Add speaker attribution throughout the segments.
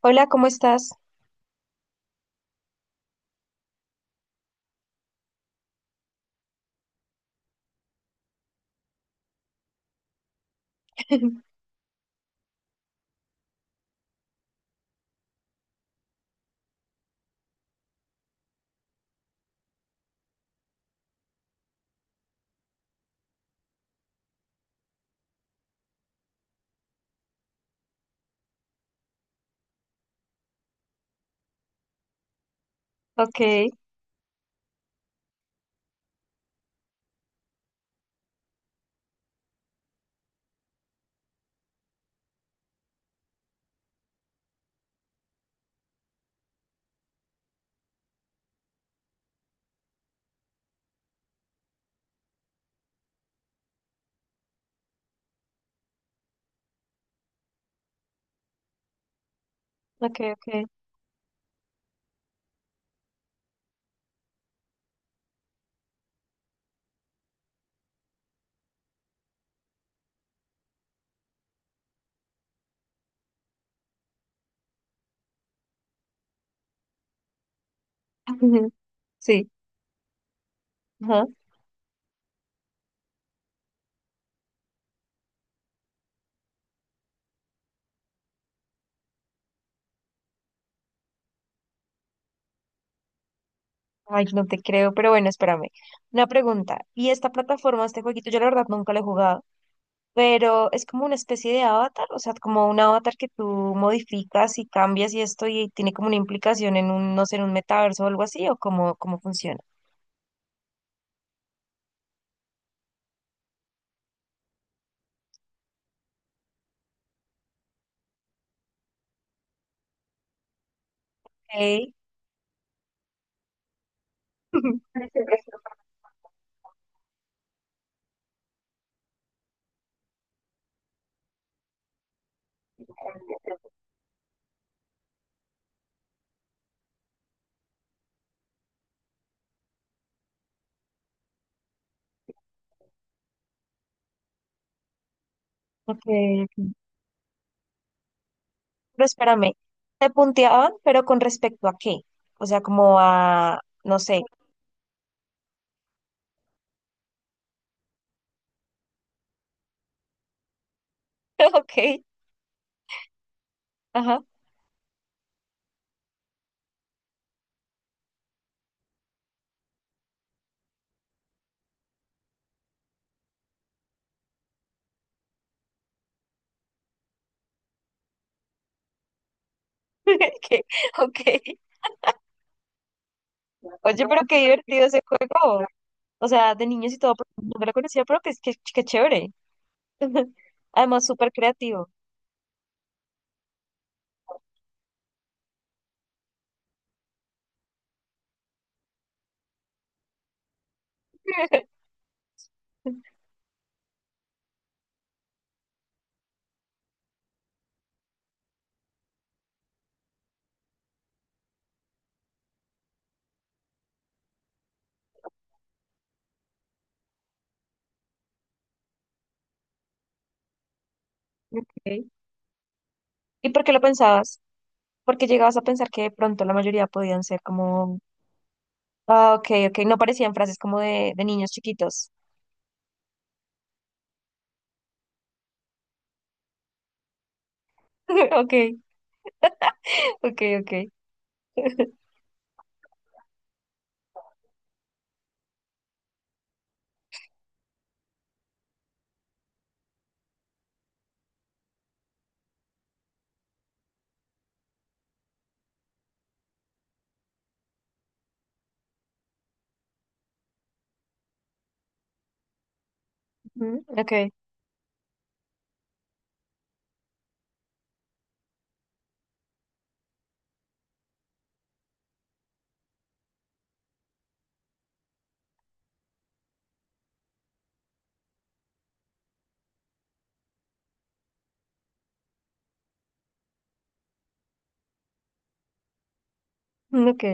Speaker 1: Hola, ¿cómo estás? Ok, ok, ok. Sí, ajá. Ay, no te creo, pero bueno, espérame. Una pregunta. ¿Y esta plataforma, este jueguito, yo la verdad nunca lo he jugado, pero es como una especie de avatar, o sea, como un avatar que tú modificas y cambias y esto y tiene como una implicación en un, no sé, en un metaverso o algo así, o cómo, cómo funciona? Ok. Ok, ok. Pero espérame, te punteaban, ¿pero con respecto a qué? O sea, como a, no sé. Ok, ajá. Ok, ok. Oye, pero qué divertido ese juego. O sea, de niños y todo, pero no me lo conocía, pero que es que chévere. Además, súper creativo. Ok. ¿Y por qué lo pensabas? Porque llegabas a pensar que de pronto la mayoría podían ser como... Ah, ok, ok, no parecían frases como de niños chiquitos. Ok, ok, ok. Ujú, ok, mm, ok,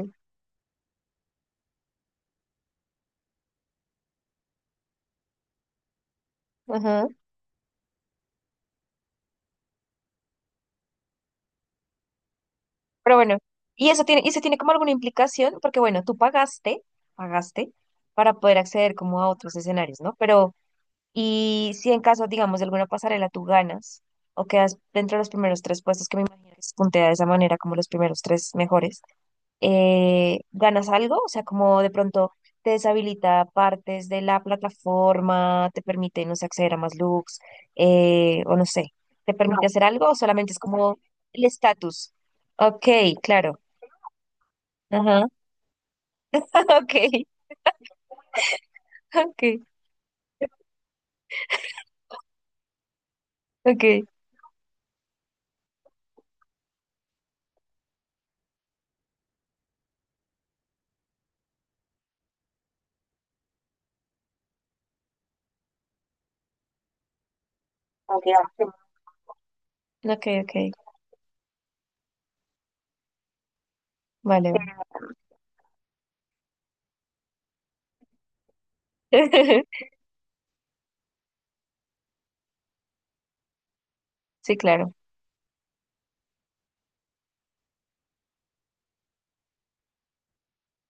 Speaker 1: ajá. Pero bueno, y eso tiene como alguna implicación, porque bueno, tú pagaste, pagaste para poder acceder como a otros escenarios, ¿no? Pero, y si en caso, digamos, de alguna pasarela tú ganas o quedas dentro de los primeros tres puestos, que me imagino que se puntea de esa manera, como los primeros tres mejores, ¿ganas algo? O sea, como de pronto te deshabilita partes de la plataforma, te permite, no sé, acceder a más looks, o no sé, ¿te permite No. hacer algo o solamente es como el estatus? Ok, claro. Ajá, okay, okay, okay, okay, okay, vale, vale. Sí, claro.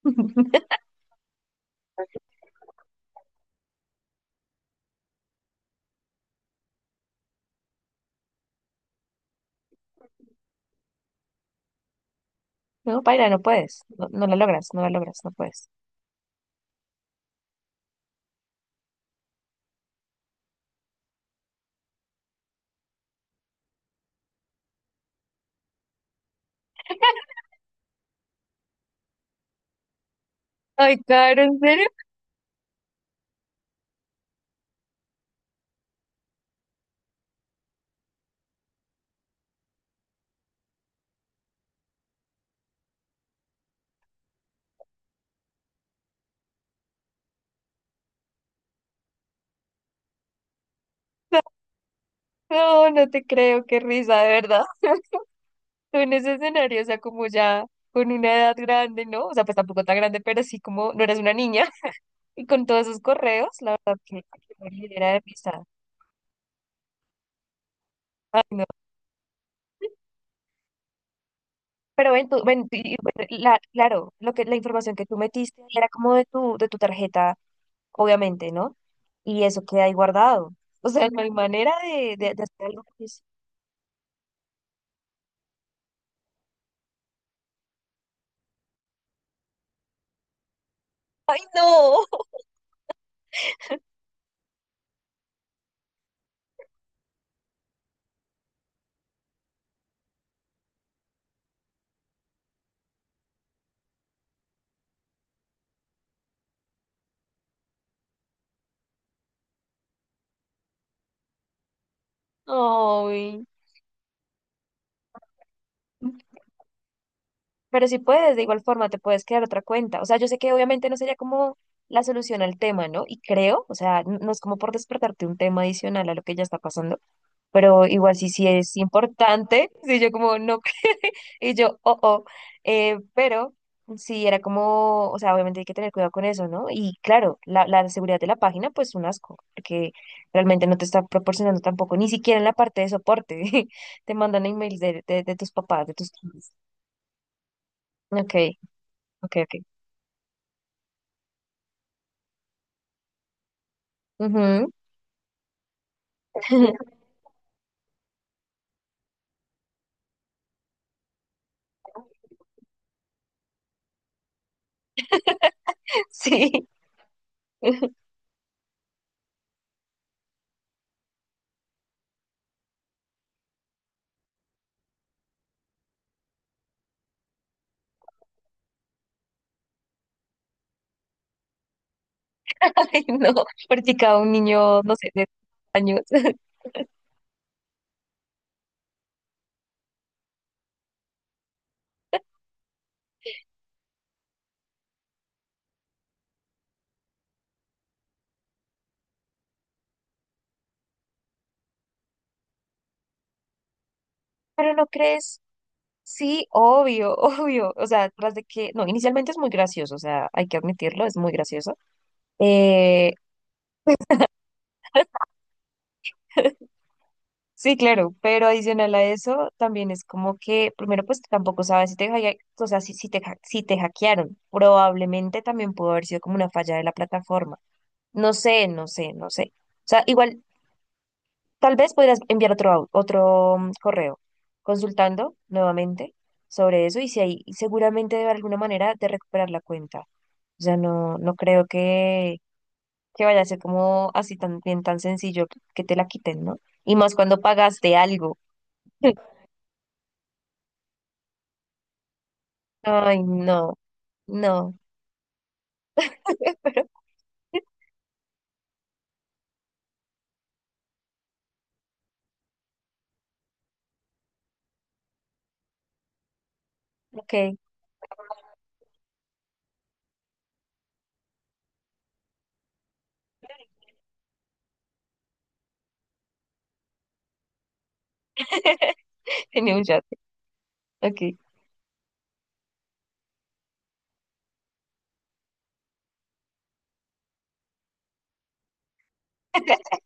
Speaker 1: No, Paila, no puedes, no, no la logras, no la logras, no puedes. Ay, Caro, ¿en serio? No, no te creo, qué risa, de verdad. Tú en ese escenario, o sea, como ya con una edad grande, ¿no? O sea, pues tampoco tan grande, pero sí como no eres una niña y con todos esos correos, la verdad que era de risa. Ay, no. Pero ven, tú, ven, y- bueno, la- claro, lo que la información que tú metiste era como de tu tarjeta obviamente, ¿no? Y eso queda ahí guardado. O sea, no hay manera de hacer algo que es- ¡Ay, no! ¡Ay! Pero si puedes, de igual forma, te puedes crear otra cuenta. O sea, yo sé que obviamente no sería como la solución al tema, ¿no? Y creo, o sea, n- no es como por despertarte un tema adicional a lo que ya está pasando, pero igual sí, sí es importante. Sí, yo como no. Y yo, oh, oh, pero sí era como, o sea, obviamente hay que tener cuidado con eso, ¿no? Y claro, la seguridad de la página, pues un asco, porque realmente no te está proporcionando tampoco, ni siquiera en la parte de soporte, te mandan emails de tus papás, de tus... tíos. Ok, ok, ok. Ujú. Sí, ay no, practicaba un niño, no sé, de años. Pero no crees, sí, obvio, obvio. O sea, tras de que, no, inicialmente es muy gracioso, o sea, hay que admitirlo, es muy gracioso. Eh, sí, claro, pero adicional a eso, también es como que, primero, pues tampoco sabes si te, hacke- o sea, si, si te, ha- si te hackearon. Probablemente también pudo haber sido como una falla de la plataforma. No sé, no sé, no sé. O sea, igual tal vez podrías enviar otro, au- otro correo, consultando nuevamente sobre eso y si hay, y seguramente debe haber alguna manera de recuperar la cuenta. O sea, no, no creo que vaya a ser como así tan bien, tan sencillo que te la quiten, ¿no? Y más cuando pagaste algo. Ay, no, no, pero ok, tenía un chat, ok.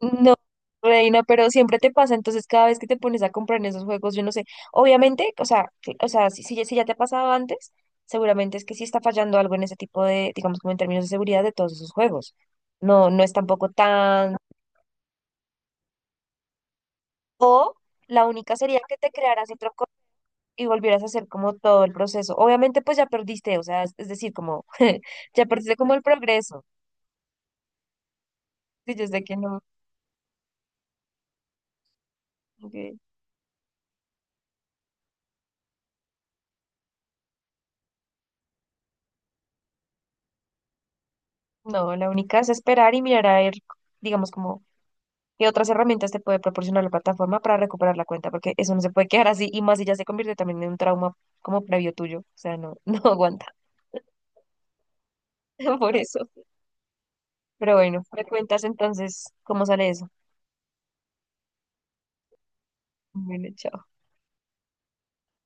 Speaker 1: No, reina, pero siempre te pasa, entonces cada vez que te pones a comprar en esos juegos, yo no sé, obviamente, o sea, que- o sea, si, si ya si ya te ha pasado antes, seguramente es que sí está fallando algo en ese tipo de, digamos, como en términos de seguridad de todos esos juegos. No, no es tampoco tan... O la única sería que te crearas otro co- y volvieras a hacer como todo el proceso. Obviamente, pues ya perdiste, o sea, es decir, como... ya perdiste como el progreso. Sí, yo sé que- no, la única es esperar y mirar a ver, digamos, como... ¿Qué otras herramientas te puede proporcionar la plataforma para recuperar la cuenta? Porque eso no se puede quedar así y más si ya se convierte también en un trauma como previo tuyo. O sea, no, no aguanta por eso. Pero bueno, me cuentas entonces cómo sale eso. Bueno, chao.